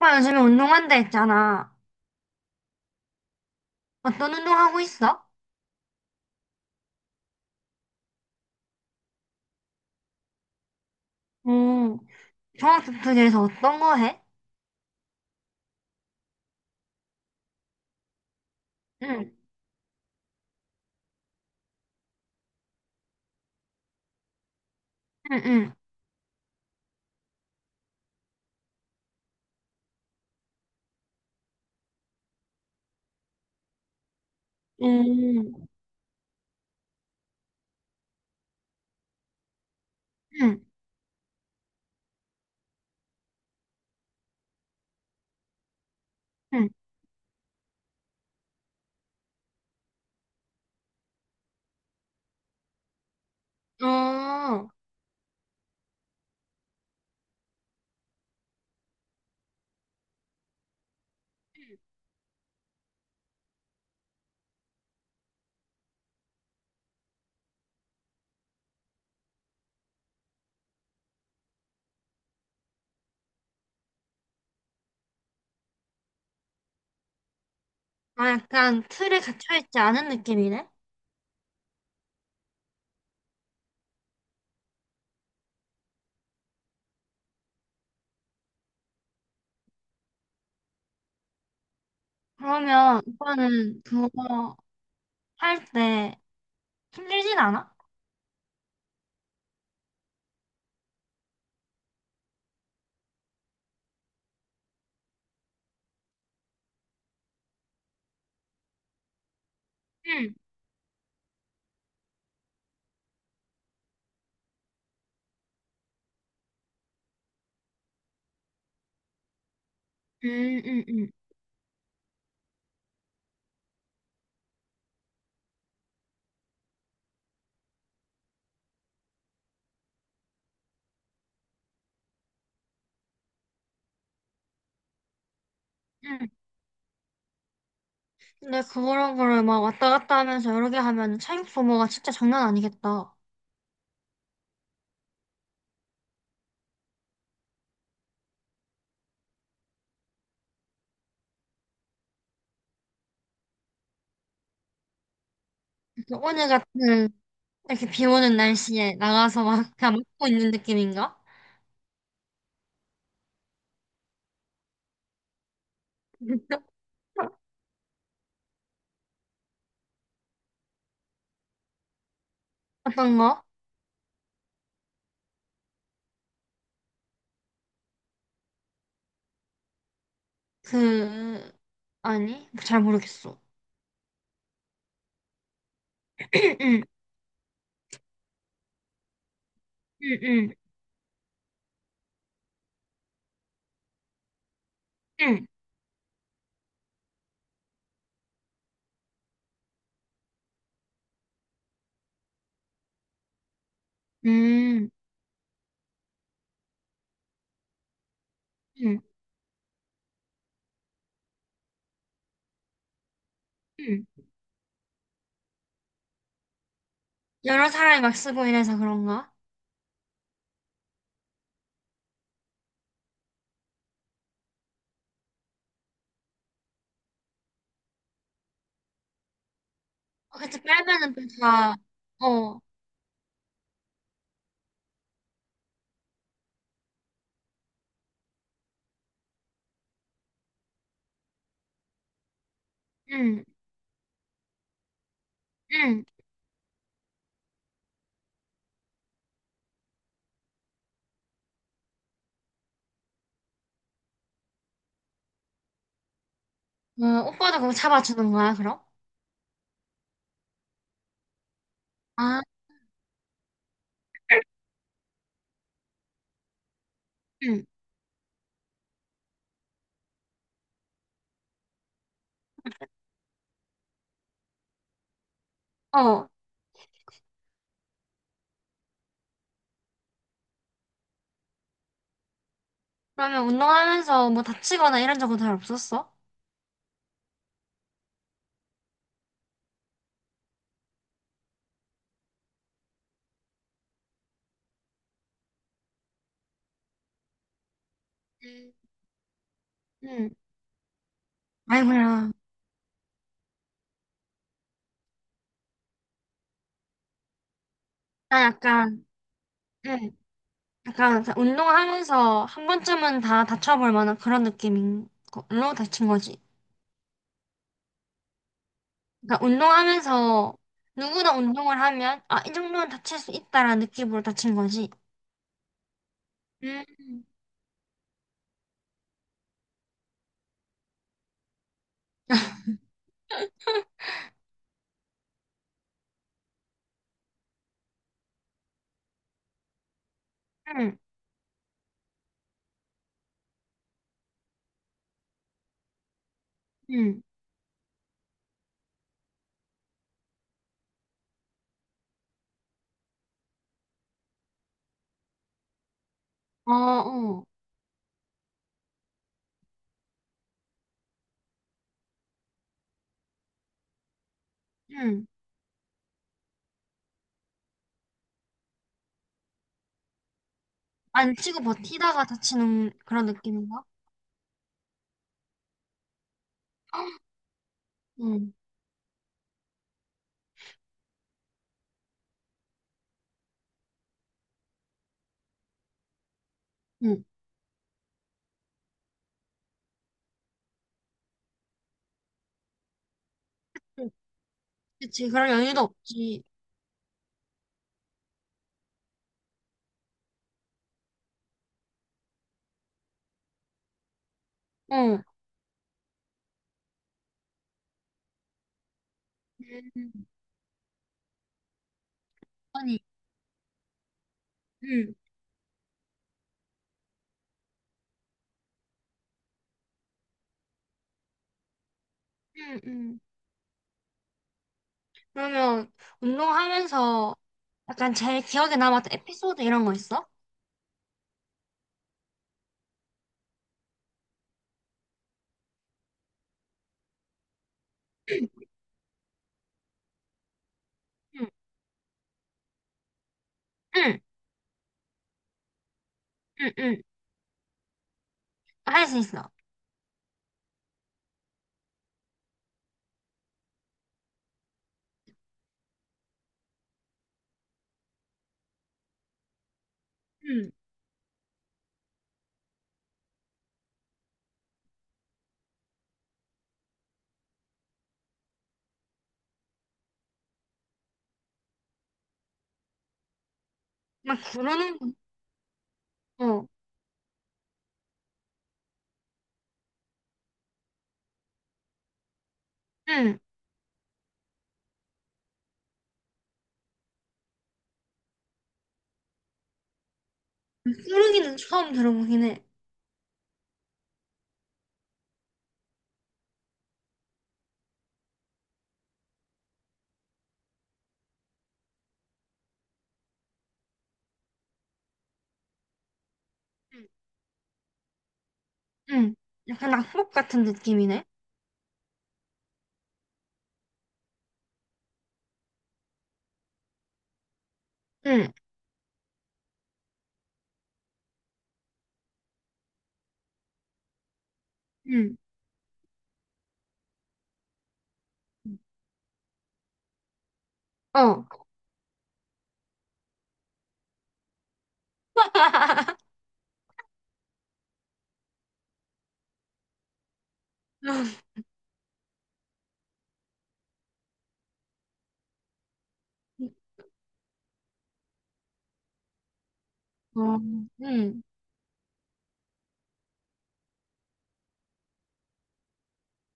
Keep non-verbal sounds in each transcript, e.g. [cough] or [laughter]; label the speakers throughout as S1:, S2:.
S1: 오빠 요즘에 운동한다 했잖아. 어떤 운동 하고 있어? 응. 종합격투기에서 어떤 거 해? 응, 응, 응. 응, 응, 응. 어, 아, 약간 틀에 갇혀있지 않은 느낌이네? 그러면 오빠는 그거 할 때 힘들진 않아? 응, 응, 응, 응. 응. 근데 그런 거를 막 왔다 갔다 하면서 여러 개 하면 체육 소모가 진짜 장난 아니겠다. 그래서 오늘 같은 이렇게 비 오는 날씨에 나가서 막 그냥 먹고 있는 느낌인가? [laughs] 어떤 거? 그, 아니, 잘 모르겠어. [clears throat] 응, 응, 응, 응, 응 응, 응. 여러 사람이 막 쓰고 이래서 그런가? 어, 그치, 빨면은 또 다, 어, 응, 응. 어, 오빠도 그거 잡아주는 거야, 그럼? 아, 응, 어. 그러면 운동하면서 뭐 다치거나 이런 적은 잘 없었어? 응, 응. 아이고야. 나 약간, 응 약간 운동하면서 한 번쯤은 다 다쳐볼 만한 그런 느낌인 걸로 다친 거지. 그러니까 운동하면서 누구나 운동을 하면 아, 이 정도는 다칠 수 있다라는 느낌으로 다친 거지. 음, 음, 음, 어, 어, 음. 안 치고 버티다가 다치는 그런 느낌인가? 응, 응, 응. 그치, 그런 여유도 없지. 어, 음, 아니, 응, 응, 응. 그러면 운동하면서 약간 제일 기억에 남았던 에피소드 이런 거 있어? 응, 응, 응, 응. 할 수 있어. 응, 막 구르는 거. 어, 응. 구르기는 처음 들어보긴 해. 응, 응. 약간 낙법 같은 느낌이네. 응, 응. 어. [laughs] 어, 응.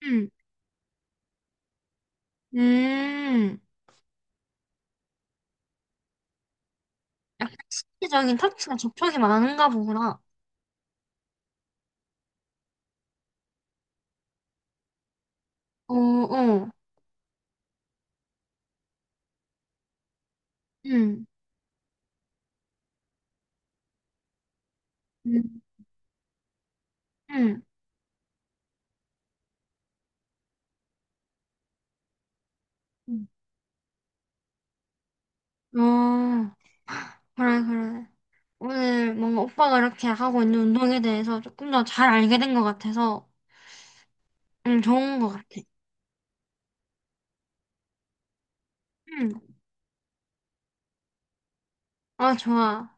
S1: 응. 음, 약간 신체적인 터치가 접촉이 많은가 보구나. 어, 어, 응, 응, 응. 어, 그래, 그래. 오늘 뭔가 오빠가 이렇게 하고 있는 운동에 대해서 조금 더 잘 알게 된 것 같아서, 좋은 것 같아. 음, 아, 좋아.